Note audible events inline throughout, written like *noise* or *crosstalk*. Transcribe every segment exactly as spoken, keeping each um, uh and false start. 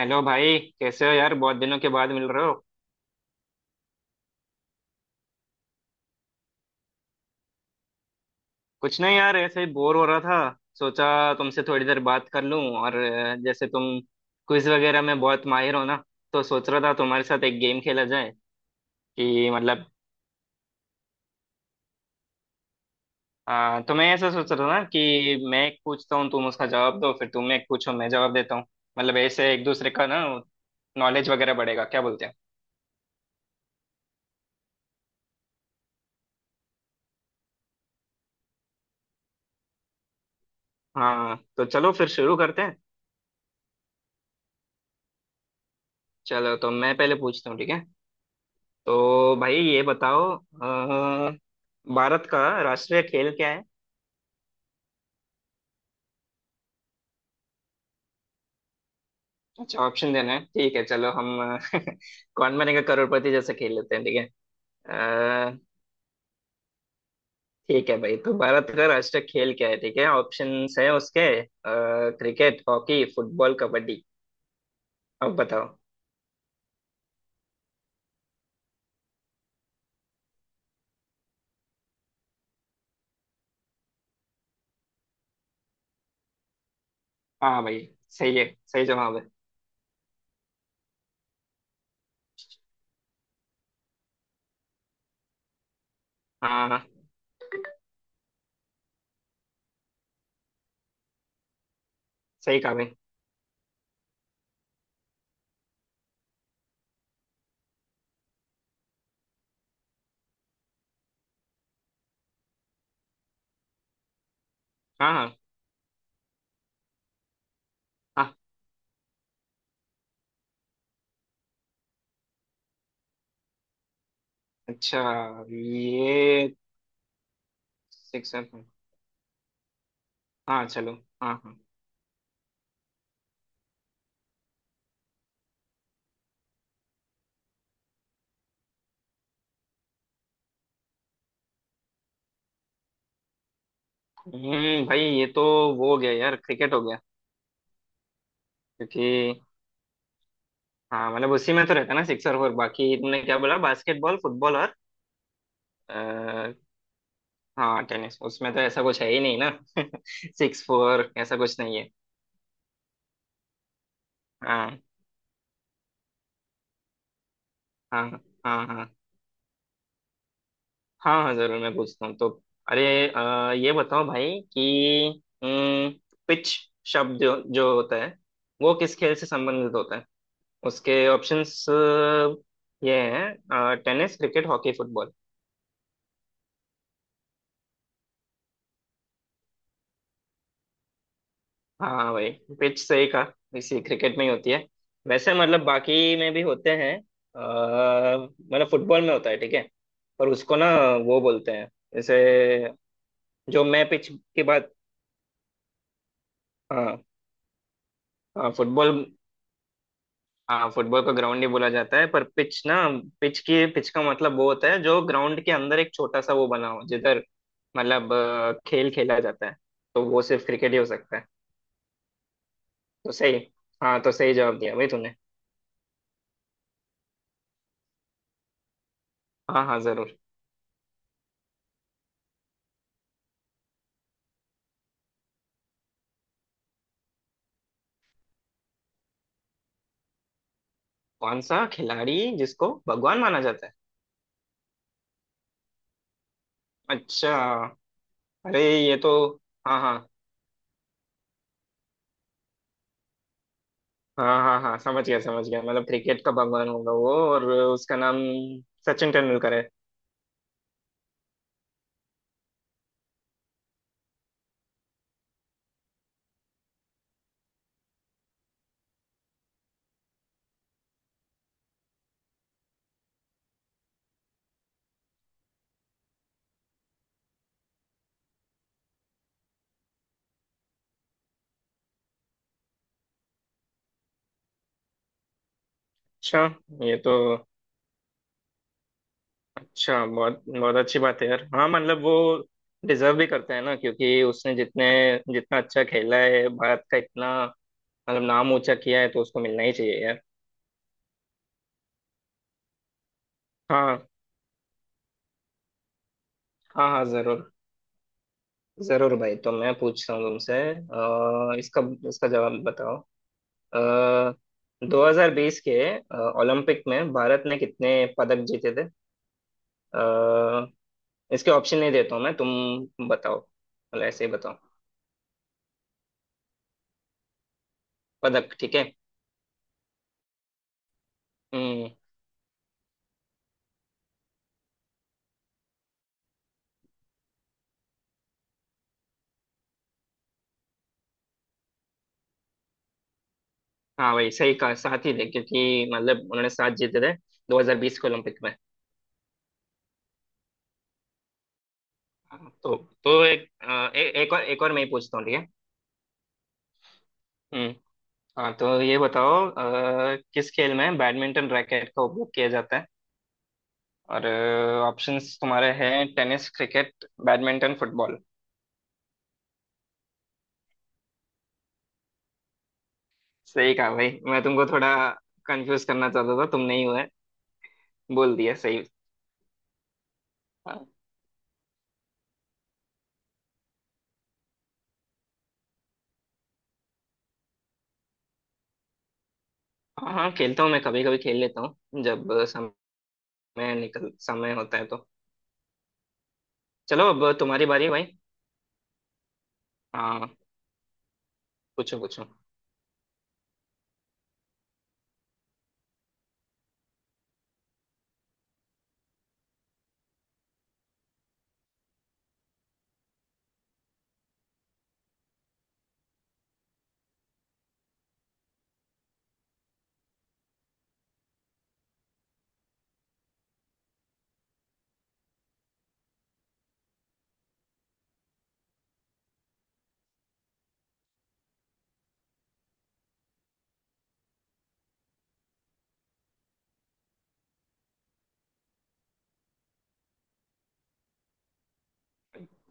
Hello भाई, कैसे हो यार। बहुत दिनों के बाद मिल रहे हो। कुछ नहीं यार, ऐसे ही बोर हो रहा था। सोचा तुमसे थोड़ी देर बात कर लूं। और अ, जैसे तुम क्विज वगैरह में बहुत माहिर हो ना, तो सोच रहा था तुम्हारे साथ एक गेम खेला जाए। कि मतलब अ, तो मैं ऐसा सोच रहा था ना कि मैं एक पूछता हूँ, तुम उसका जवाब दो, फिर तुम एक पूछो, मैं जवाब देता हूँ। मतलब ऐसे एक दूसरे का ना नॉलेज वगैरह बढ़ेगा, क्या बोलते हैं। हाँ तो चलो फिर शुरू करते हैं। चलो तो मैं पहले पूछता हूँ, ठीक है। तो भाई ये बताओ अ, भारत का राष्ट्रीय खेल क्या है। अच्छा, ऑप्शन देना है, ठीक है, चलो हम *laughs* कौन बनेगा करोड़पति जैसा खेल लेते हैं, ठीक है। अ, ठीक है भाई, तो भारत का राष्ट्रीय खेल क्या है, ठीक है। ऑप्शंस है उसके क्रिकेट, हॉकी, फुटबॉल, कबड्डी। अब बताओ। हाँ भाई, सही है, सही जवाब है। हाँ, हाँ, हाँ। सही कहा भाई। हाँ, हाँ, हाँ। अच्छा, ये सिक्स। हाँ चलो। हाँ, हाँ। हम्म भाई, ये तो वो हो गया यार, क्रिकेट हो गया। क्योंकि हाँ मतलब उसी में तो रहता है ना सिक्स और फोर। बाकी तुमने क्या बोला, बास्केटबॉल, फुटबॉल और आ, हाँ टेनिस। उसमें तो ऐसा कुछ है ही नहीं ना। *laughs* सिक्स फोर ऐसा कुछ नहीं है। हाँ, हाँ, हाँ, हाँ। हाँ, हाँ, जरूर। मैं पूछता हूँ, तो अरे अ, ये बताओ भाई कि हम्म, पिच शब्द जो, जो होता है वो किस खेल से संबंधित होता है। उसके ऑप्शंस ये हैं टेनिस, क्रिकेट, हॉकी, फुटबॉल। हाँ भाई, पिच से ही कहा, इसी क्रिकेट में ही होती है। वैसे मतलब बाकी में भी होते हैं। अह, मतलब फुटबॉल में होता है, ठीक है। पर उसको ना, वो बोलते हैं जैसे, जो मैं पिच की बात। हाँ। हाँ फुटबॉल। हाँ, फुटबॉल को ग्राउंड ही बोला जाता है, पर पिच ना। पिच की, पिच का मतलब वो होता है जो ग्राउंड के अंदर एक छोटा सा वो बना हो जिधर मतलब अह, खेल खेला जाता है। तो वो सिर्फ क्रिकेट ही हो सकता है। तो सही। हाँ, तो सही जवाब दिया भाई तूने। हाँ, हाँ, जरूर। कौन सा खिलाड़ी जिसको भगवान माना जाता है। अच्छा। अरे, ये तो, हाँ, हाँ, हाँ, हाँ, हाँ, समझ गया, समझ गया। मतलब क्रिकेट का भगवान होगा वो और उसका नाम सचिन तेंदुलकर है। अच्छा, ये तो अच्छा, बहुत बहुत अच्छी बात है यार। हाँ मतलब वो डिजर्व भी करते हैं ना, क्योंकि उसने जितने, जितना अच्छा खेला है, भारत का इतना मतलब नाम ऊंचा किया है, तो उसको मिलना ही चाहिए यार। हाँ, हाँ, हाँ, जरूर। जरूर भाई, तो मैं पूछता हूँ तुमसे, अ, इसका, इसका जवाब बताओ। अ, दो हज़ार बीस के अ, ओलंपिक में भारत ने कितने पदक जीते थे। अ, इसके ऑप्शन नहीं देता हूँ मैं, तुम बताओ, मतलब ऐसे ही बताओ। पदक, ठीक है। हम्म। हाँ भाई, सही कहा, साथ ही थे क्योंकि मतलब उन्होंने सात जीते थे दो हज़ार बीस के ओलंपिक में। हाँ, तो तो एक अ, ए, एक और एक और मैं ही पूछता हूँ, ठीक है। हम्म। हाँ, तो ये बताओ अ, किस खेल में बैडमिंटन रैकेट का उपयोग किया जाता है। और ऑप्शंस तुम्हारे हैं टेनिस, क्रिकेट, बैडमिंटन, फुटबॉल। सही कहा भाई, मैं तुमको थोड़ा कंफ्यूज करना चाहता था, तुमने ही है बोल दिया सही। हाँ, हाँ, खेलता हूँ। मैं कभी कभी खेल लेता हूँ, जब समय निकल, समय होता है तो। चलो, अब तुम्हारी बारी है भाई। हाँ, पूछो, पूछो।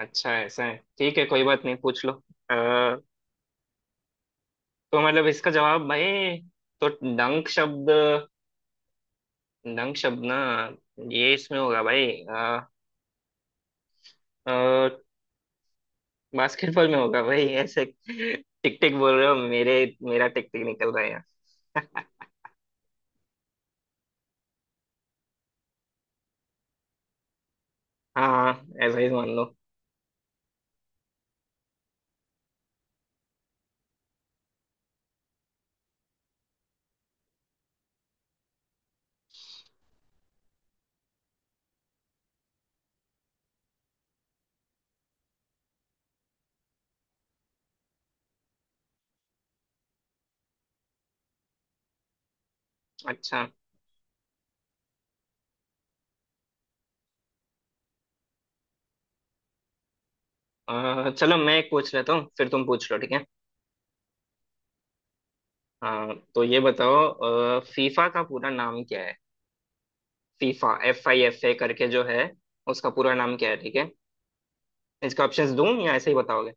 अच्छा ऐसा है, ठीक है, कोई बात नहीं, पूछ लो। अ, तो मतलब इसका जवाब भाई, तो डंक शब्द, डंक शब्द ना, ये इसमें होगा भाई, बास्केटबॉल में होगा भाई। ऐसे टिक टिक बोल रहे हो, मेरे, मेरा टिक टिक निकल रहा है। हाँ, ऐसा ही मान लो। अच्छा। अ, चलो मैं एक पूछ लेता हूँ, फिर तुम पूछ लो, ठीक है। हाँ, तो ये बताओ फीफा का पूरा नाम क्या है। FIFA, F I F A करके जो है, उसका पूरा नाम क्या है, ठीक है। इसका ऑप्शंस दूं या ऐसे ही बताओगे।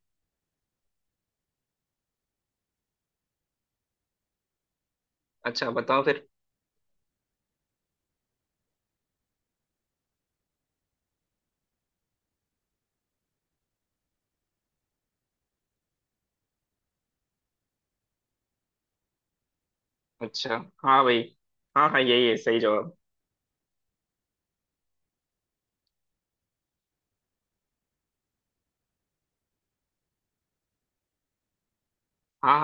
अच्छा, बताओ फिर। अच्छा, हाँ भाई, हाँ, हाँ, यही है सही जवाब। हाँ,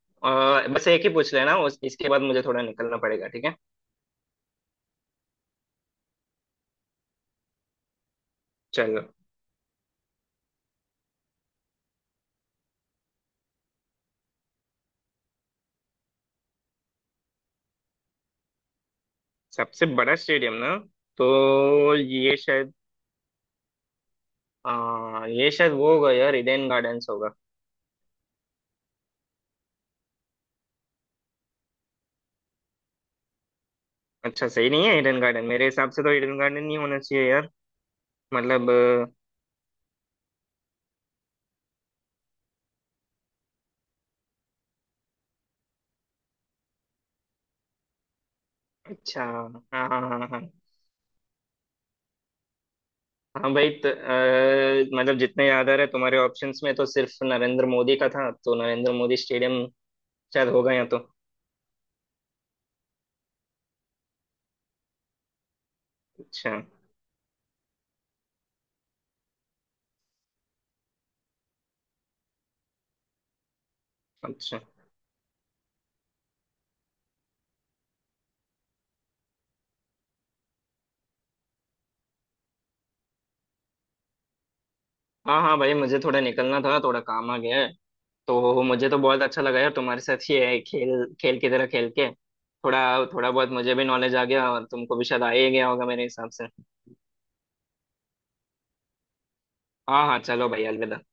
हाँ। अ, बस एक ही पूछ लेना, उस इसके बाद मुझे थोड़ा निकलना पड़ेगा, ठीक है। चलो, सबसे बड़ा स्टेडियम ना, तो ये शायद आ, ये शायद वो होगा यार, इडेन गार्डन्स होगा। अच्छा, सही नहीं है ईडन गार्डन। मेरे हिसाब से तो ईडन गार्डन नहीं होना चाहिए यार। मतलब अ, अच्छा, हाँ, हाँ, हाँ, हाँ। हाँ भाई, त, अ, मतलब जितने याद आ रहे तुम्हारे ऑप्शंस में, तो सिर्फ नरेंद्र मोदी का था, तो नरेंद्र मोदी स्टेडियम शायद होगा या तो। अच्छा। अच्छा, हाँ, हाँ भाई, मुझे थोड़ा निकलना था, थोड़ा काम आ गया है। तो मुझे तो बहुत अच्छा लगा यार तुम्हारे साथ, ये खेल खेल की तरह खेल के थोड़ा थोड़ा बहुत मुझे भी नॉलेज आ गया और तुमको भी शायद आ ही गया होगा मेरे हिसाब से। हाँ, हाँ, चलो भाई, अलविदा।